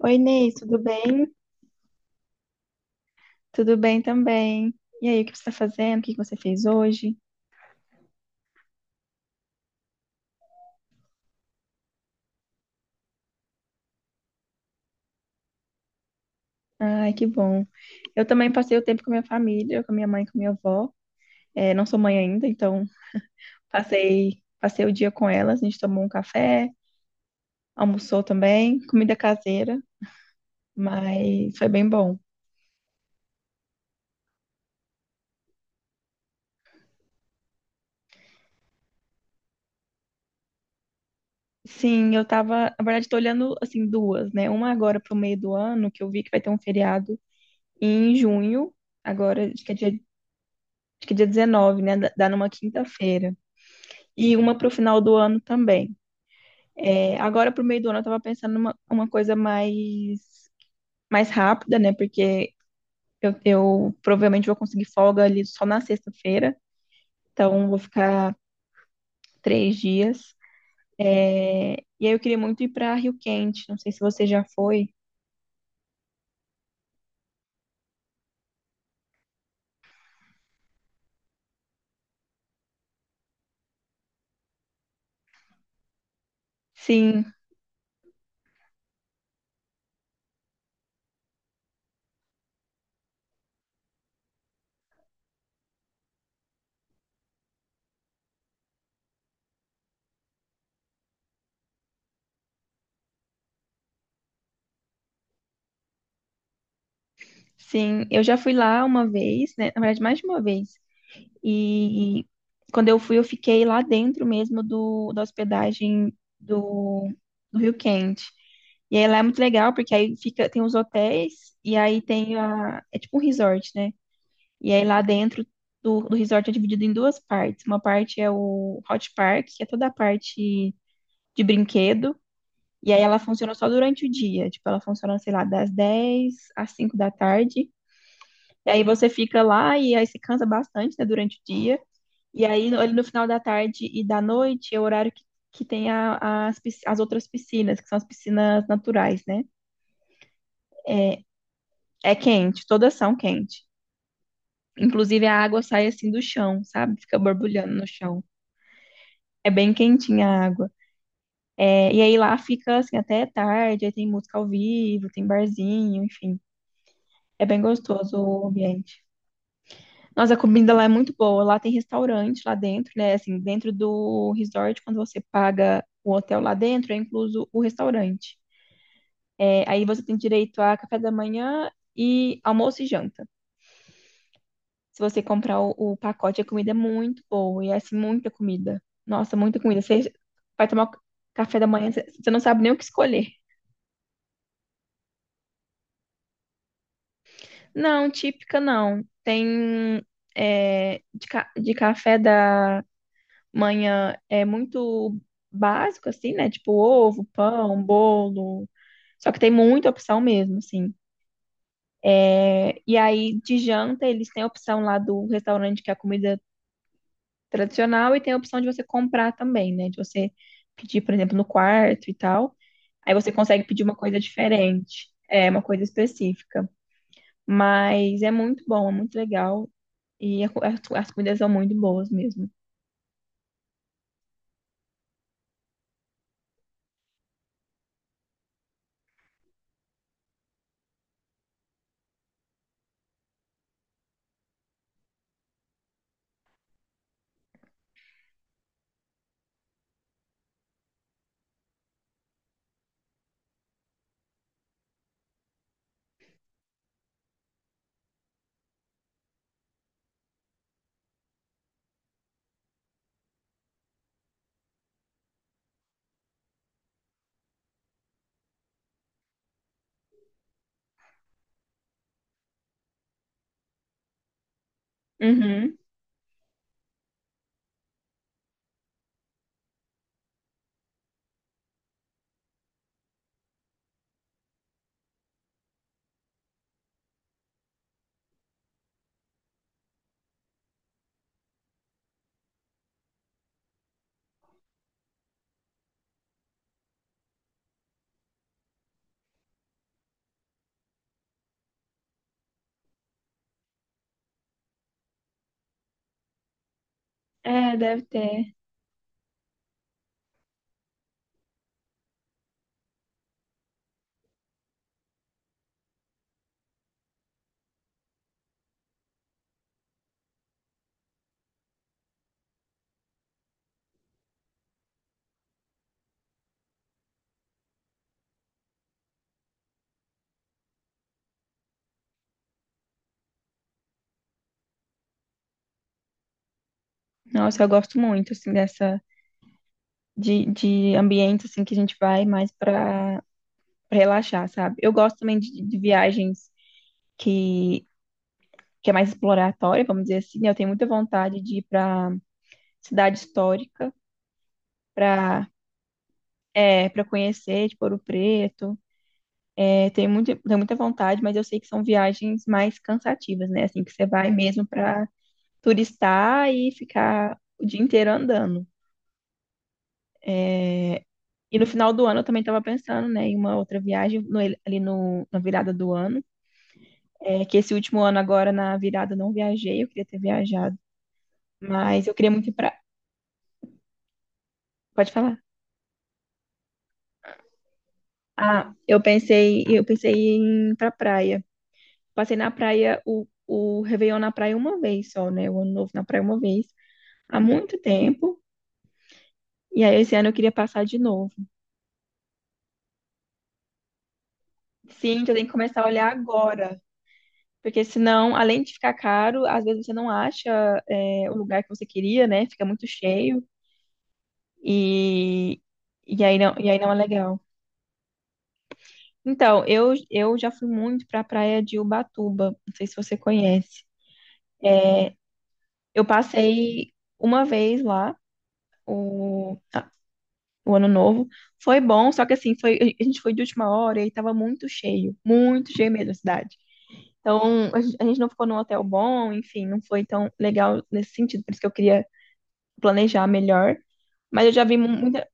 Oi, Ney, tudo bem? Tudo bem também. E aí, o que você está fazendo? O que que você fez hoje? Ai, que bom. Eu também passei o tempo com minha família, com minha mãe, com minha avó. É, não sou mãe ainda, então passei o dia com elas. A gente tomou um café, almoçou também, comida caseira, mas foi bem bom. Sim, eu tava, na verdade, tô olhando assim duas, né? Uma agora pro meio do ano, que eu vi que vai ter um feriado em junho, agora, acho que é dia 19, né? Dá numa quinta-feira. E uma para o final do ano também. É, agora, para o meio do ano, eu estava pensando numa uma coisa mais rápida, né? Porque eu provavelmente vou conseguir folga ali só na sexta-feira, então vou ficar três dias. É, e aí eu queria muito ir para Rio Quente, não sei se você já foi. Sim, sim, eu já fui lá uma vez, né? Na verdade, mais de uma vez. E quando eu fui, eu fiquei lá dentro da hospedagem do Rio Quente. E aí lá é muito legal, porque aí fica, tem os hotéis e aí tem a. É tipo um resort, né? E aí lá dentro do resort é dividido em duas partes. Uma parte é o Hot Park, que é toda a parte de brinquedo. E aí ela funciona só durante o dia. Tipo, ela funciona, sei lá, das 10 às 5 da tarde. E aí você fica lá e aí se cansa bastante, né, durante o dia. E aí, ali no final da tarde e da noite, é o horário que tem as, as outras piscinas, que são as piscinas naturais, né? É quente, todas são quentes. Inclusive, a água sai assim do chão, sabe? Fica borbulhando no chão. É bem quentinha a água. É, e aí lá fica assim até tarde, aí tem música ao vivo, tem barzinho, enfim. É bem gostoso o ambiente. Nossa, a comida lá é muito boa. Lá tem restaurante lá dentro, né? Assim, dentro do resort, quando você paga o hotel lá dentro, é incluso o restaurante. É, aí você tem direito a café da manhã e almoço e janta. Se você comprar o pacote, a comida é muito boa. E é assim, muita comida. Nossa, muita comida. Você vai tomar café da manhã, você não sabe nem o que escolher. Não, típica não. Tem é, de café da manhã é muito básico, assim, né? Tipo ovo, pão, bolo. Só que tem muita opção mesmo, assim. É, e aí, de janta, eles têm a opção lá do restaurante, que é a comida tradicional, e tem a opção de você comprar também, né? De você pedir, por exemplo, no quarto e tal. Aí você consegue pedir uma coisa diferente, é uma coisa específica. Mas é muito bom, é muito legal. E a as, as comidas são muito boas mesmo. Uhum. É, deve ter. Nossa, eu gosto muito, assim, de ambiente, assim, que a gente vai mais pra relaxar, sabe? Eu gosto também de viagens que, que é mais exploratória, vamos dizer assim, né? Eu tenho muita vontade de ir para cidade histórica, para é, para conhecer, tipo, Ouro Preto. É, tenho muita vontade, mas eu sei que são viagens mais cansativas, né? Assim, que você vai mesmo para turistar e ficar o dia inteiro andando. E no final do ano eu também estava pensando, né, em uma outra viagem ali no, na virada do ano. É, que esse último ano agora na virada eu não viajei, eu queria ter viajado. Mas eu queria muito ir pra... Pode falar. Ah, eu pensei em ir pra praia. Passei na praia, o Réveillon na praia uma vez só, né? O Ano Novo na praia uma vez, há muito tempo. E aí esse ano eu queria passar de novo. Sim, então tem que começar a olhar agora. Porque senão, além de ficar caro, às vezes você não acha, é, o lugar que você queria, né? Fica muito cheio e, e aí não é legal. Então, eu já fui muito pra praia de Ubatuba. Não sei se você conhece. É, eu passei uma vez lá. o, a- o ano novo. Foi bom, só que assim, foi, a gente foi de última hora e aí tava muito cheio mesmo a cidade. Então, a gente não ficou num hotel bom, enfim, não foi tão legal nesse sentido, por isso que eu queria planejar melhor. Mas eu já vi muita.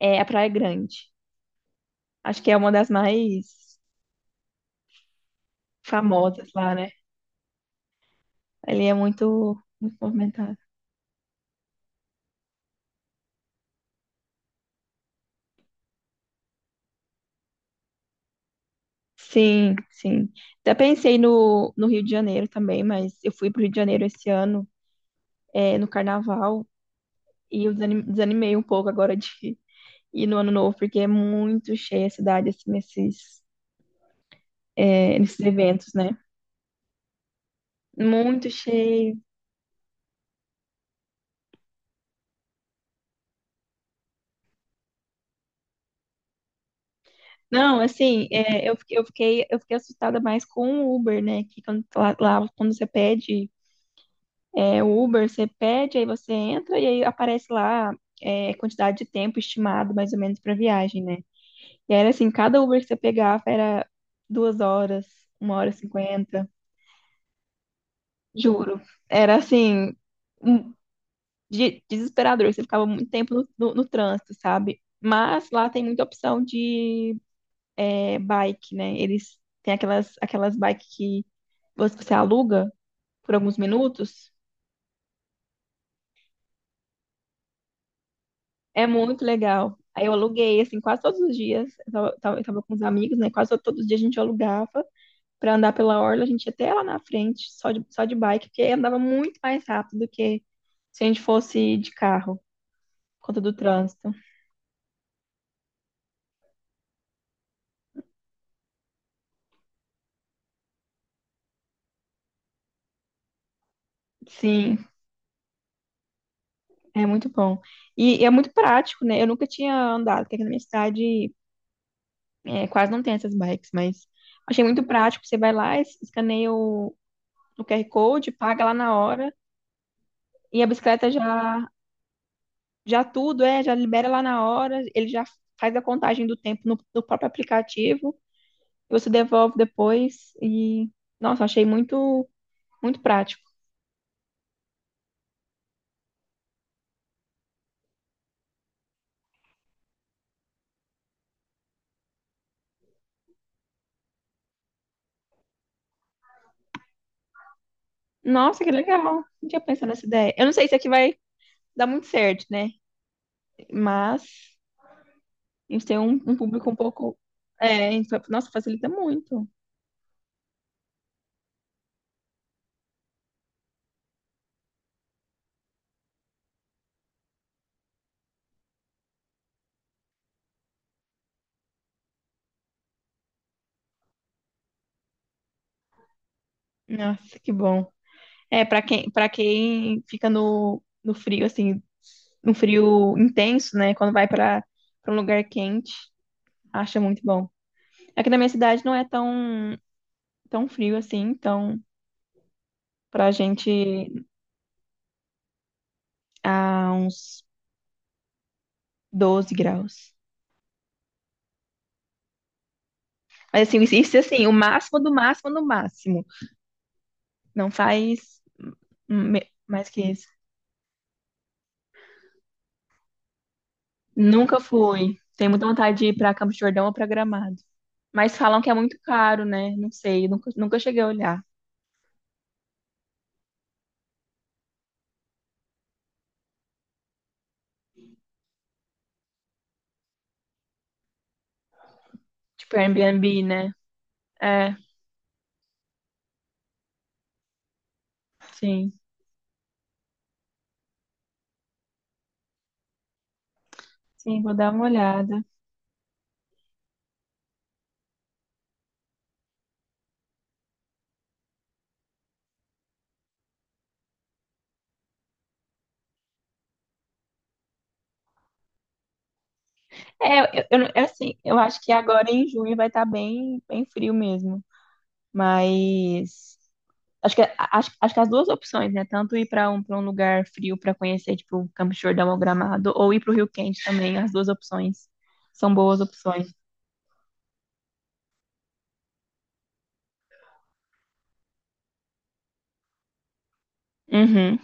É, a Praia Grande. Acho que é uma das mais famosas lá, né? Ali é muito movimentada. Sim. Até pensei no Rio de Janeiro também, mas eu fui pro Rio de Janeiro esse ano, é, no Carnaval. E eu desanimei um pouco agora de ir no ano novo, porque é muito cheia a cidade, assim, é, nesses eventos, né? Muito cheio. Não, assim, é, eu fiquei assustada mais com o Uber, né? Que quando, tá lá, lá quando você pede é, o Uber, você pede, aí você entra e aí aparece lá é, quantidade de tempo estimado, mais ou menos, para viagem, né? E era assim, cada Uber que você pegava era 2 horas, 1 hora e 50, juro. Era assim um desesperador, você ficava muito tempo no trânsito, sabe? Mas lá tem muita opção de é, bike, né? Eles têm aquelas bikes que você aluga por alguns minutos. É muito legal. Aí eu aluguei, assim, quase todos os dias. Eu eu tava com os amigos, né? Quase todos os dias a gente alugava pra andar pela orla. A gente ia até lá na frente, só de bike, porque andava muito mais rápido do que se a gente fosse de carro, por conta do trânsito. Sim. É muito bom. E é muito prático, né? Eu nunca tinha andado, porque aqui na minha cidade é, quase não tem essas bikes, mas achei muito prático. Você vai lá, escaneia o QR Code, paga lá na hora, e a bicicleta já tudo, é, já libera lá na hora, ele já faz a contagem do tempo no próprio aplicativo, e você devolve depois, e, nossa, muito prático. Nossa, que legal. Não tinha pensado nessa ideia. Eu não sei se aqui vai dar muito certo, né? Mas. A gente tem um, um público um pouco. É, a gente nossa, facilita muito. Nossa, que bom. É, para quem fica no frio, assim, no frio intenso, né? Quando vai pra um lugar quente, acha muito bom. Aqui na minha cidade não é tão frio assim, então pra gente há uns 12 graus. Mas assim, isso assim, o máximo do máximo do máximo. Não faz mais que isso. Nunca fui. Tenho muita vontade de ir para Campos do Jordão ou para Gramado. Mas falam que é muito caro, né? Não sei, nunca cheguei a olhar. Tipo, Airbnb, né? É, sim. Sim, vou dar uma olhada. É, eu é assim, eu acho que agora em junho vai estar bem, bem frio mesmo. Mas acho que as duas opções, né? Tanto ir para um lugar frio para conhecer, tipo, Campos do Jordão ou Gramado, ou ir para o Rio Quente também, as duas opções. São boas opções. Uhum.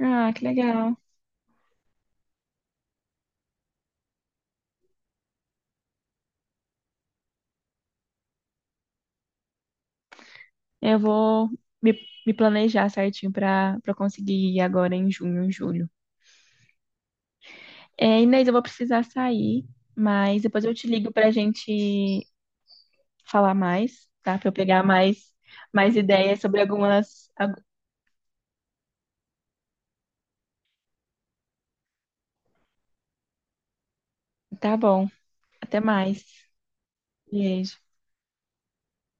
Ah, que legal. Eu vou me, me planejar certinho para para conseguir ir agora em junho, em julho. É, Inês, eu vou precisar sair, mas depois eu te ligo para a gente falar mais, tá? Para eu pegar mais mais ideias sobre algumas. Algu- Tá bom. Até mais. Beijo.